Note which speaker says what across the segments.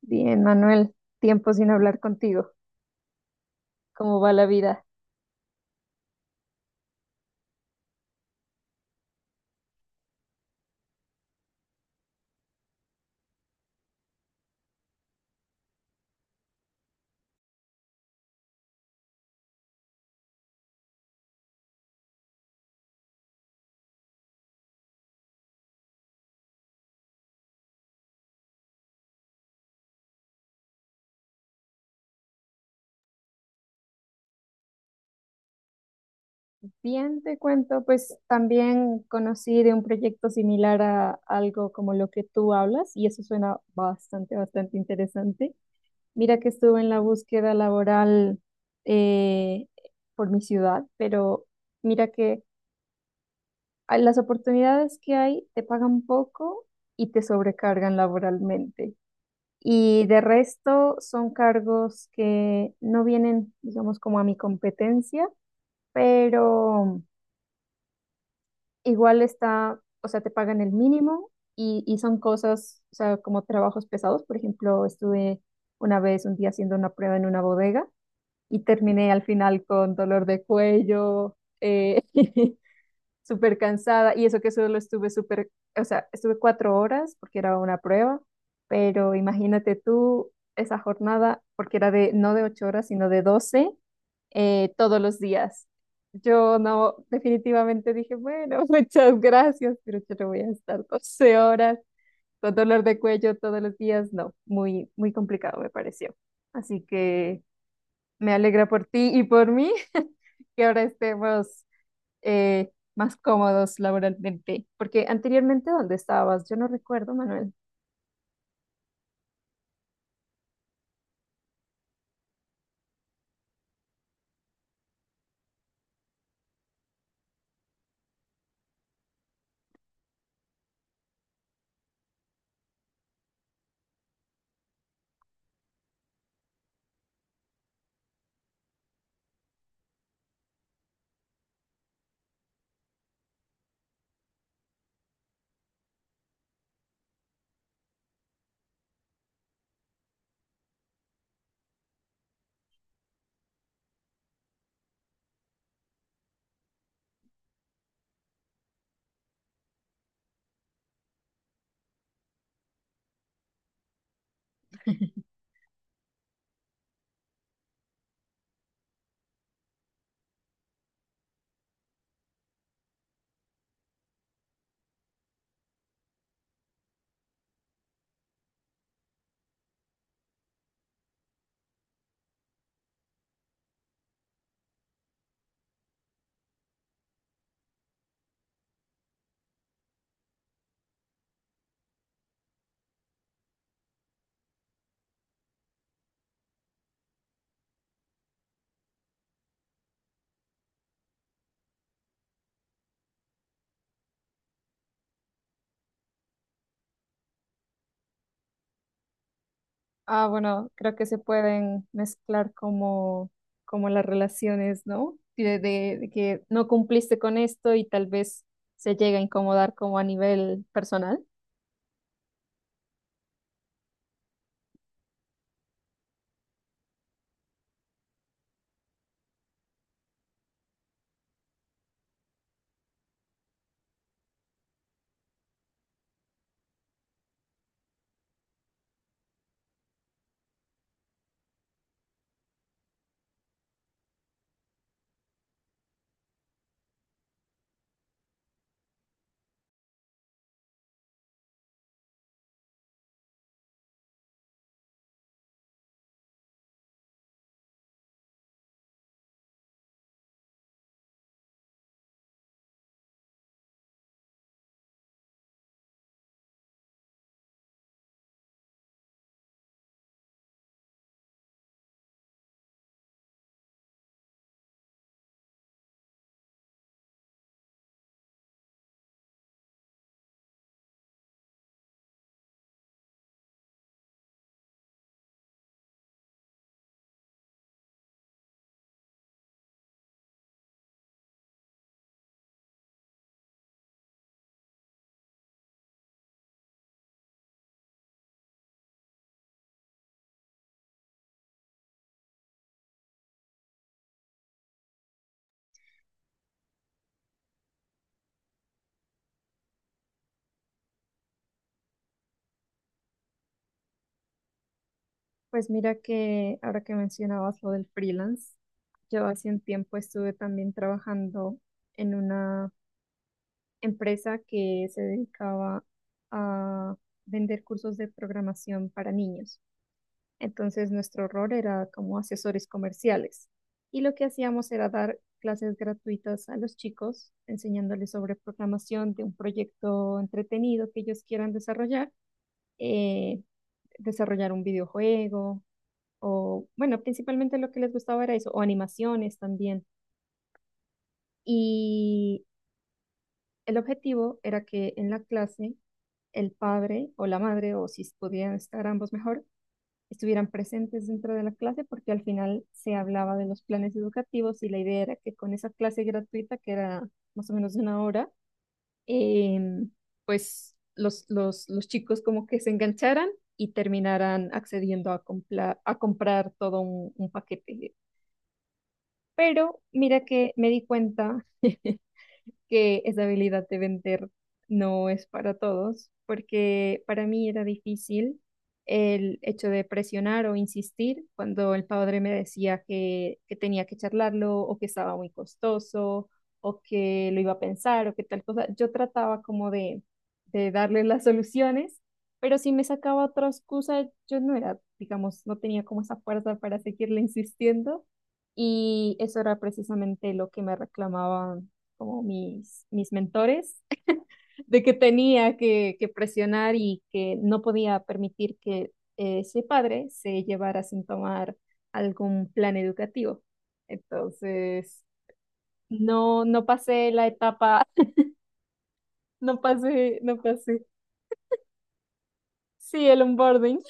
Speaker 1: Bien, Manuel, tiempo sin hablar contigo. ¿Cómo va la vida? Bien, te cuento, pues también conocí de un proyecto similar a algo como lo que tú hablas y eso suena bastante, bastante interesante. Mira que estuve en la búsqueda laboral eh, por mi ciudad, pero mira que las oportunidades que hay te pagan poco y te sobrecargan laboralmente. Y de resto son cargos que no vienen, digamos, como a mi competencia, pero igual está, o sea, te pagan el mínimo y son cosas, o sea, como trabajos pesados. Por ejemplo, estuve una vez un día haciendo una prueba en una bodega y terminé al final con dolor de cuello. eh, Súper cansada y eso que solo estuve súper, o sea, estuve 4 horas porque era una prueba, pero imagínate tú esa jornada porque era de no de 8 horas, sino de 12 todos los días. Yo no, definitivamente dije, bueno, muchas gracias, pero yo no voy a estar 12 horas con dolor de cuello todos los días. No, muy, muy complicado me pareció. Así que me alegra por ti y por mí que ahora estemos más cómodos laboralmente. Porque anteriormente, ¿dónde estabas? Yo no recuerdo, Manuel. Ah, bueno, creo que se pueden mezclar como, como las relaciones, ¿no? De que no cumpliste con esto y tal vez se llega a incomodar como a nivel personal. Pues mira que ahora que mencionabas lo del freelance, yo hace un tiempo estuve también trabajando en una empresa que se dedicaba a vender cursos de programación para niños. Entonces nuestro rol era como asesores comerciales y lo que hacíamos era dar clases gratuitas a los chicos, enseñándoles sobre programación de un proyecto entretenido que ellos quieran desarrollar, eh, desarrollar un videojuego o, bueno, principalmente lo que les gustaba era eso, o animaciones también. Y El objetivo era que en la clase el padre o la madre, o si podían estar ambos mejor, estuvieran presentes dentro de la clase porque al final se hablaba de los planes educativos y la idea era que con esa clase gratuita, que era más o menos de 1 hora, em, pues los chicos como que se engancharan y terminaran accediendo a comprar todo un paquete. Pero mira que me di cuenta que esa habilidad de vender no es para todos, porque para mí era difícil el hecho de presionar o insistir cuando el padre me decía que tenía que charlarlo o que estaba muy costoso o que lo iba a pensar o que tal cosa. Yo trataba como de darle las soluciones, pero si me sacaba otra excusa, yo no era, digamos, no tenía como esa fuerza para seguirle insistiendo. Y eso era precisamente lo que me reclamaba como mis mentores, de que tenía que presionar y que no podía permitir que ese padre se llevara sin tomar algún plan educativo. Entonces, no, no pasé la etapa, no pasé, no pasé. Sí, el onboarding.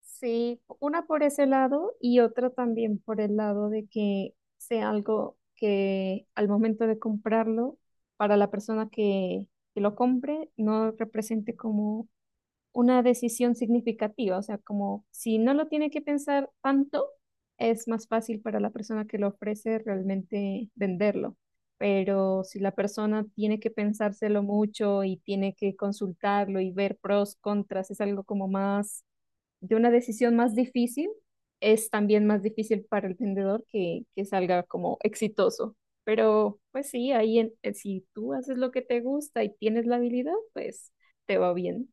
Speaker 1: Sí, una por ese lado y otra también por el lado de que sea algo que al momento de comprarlo, para la persona que lo compre, no represente como una decisión significativa. O sea, como si no lo tiene que pensar tanto, es más fácil para la persona que lo ofrece realmente venderlo. Pero si la persona tiene que pensárselo mucho y tiene que consultarlo y ver pros, contras, es algo como más de una decisión más difícil, es también más difícil para el vendedor que salga como exitoso. Pero pues sí, ahí si tú haces lo que te gusta y tienes la habilidad, pues te va bien.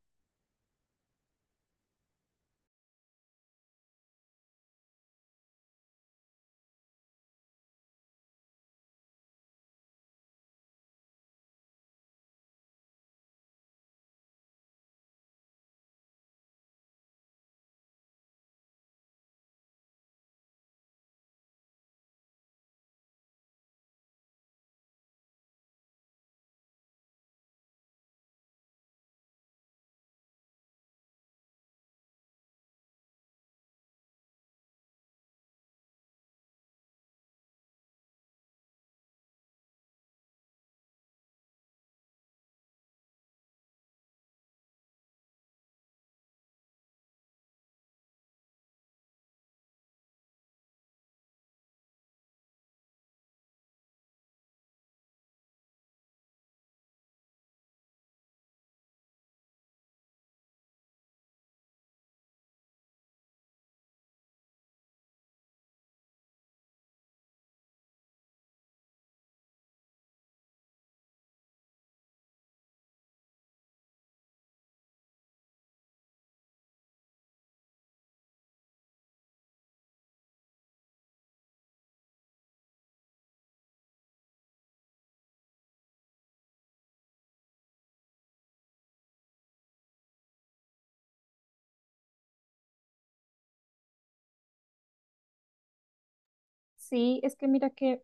Speaker 1: Sí, es que mira que,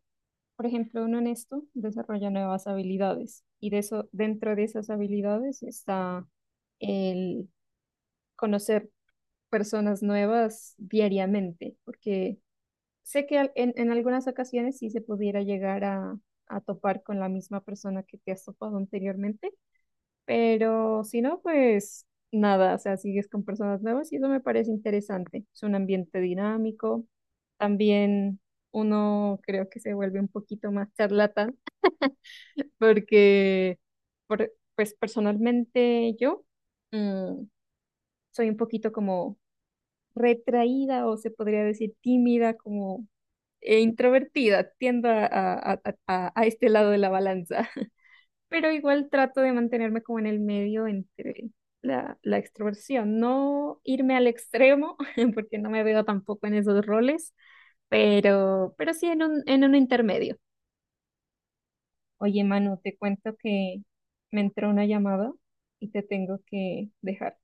Speaker 1: por ejemplo, uno en esto desarrolla nuevas habilidades y de eso, dentro de esas habilidades está el conocer personas nuevas diariamente, porque sé que en algunas ocasiones sí se pudiera llegar a topar con la misma persona que te has topado anteriormente, pero si no, pues nada, o sea, sigues con personas nuevas y eso me parece interesante. Es un ambiente dinámico, también uno creo que se vuelve un poquito más charlatán porque, pues personalmente yo mm, soy un poquito como retraída o se podría decir tímida, como e introvertida, tiendo a este lado de la balanza, pero igual trato de mantenerme como en el medio entre la, la extroversión, no irme al extremo, porque no me veo tampoco en esos roles, pero sí en un intermedio. Oye, Manu, te cuento que me entró una llamada y te tengo que dejar.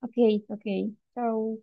Speaker 1: Ok, ok, chao.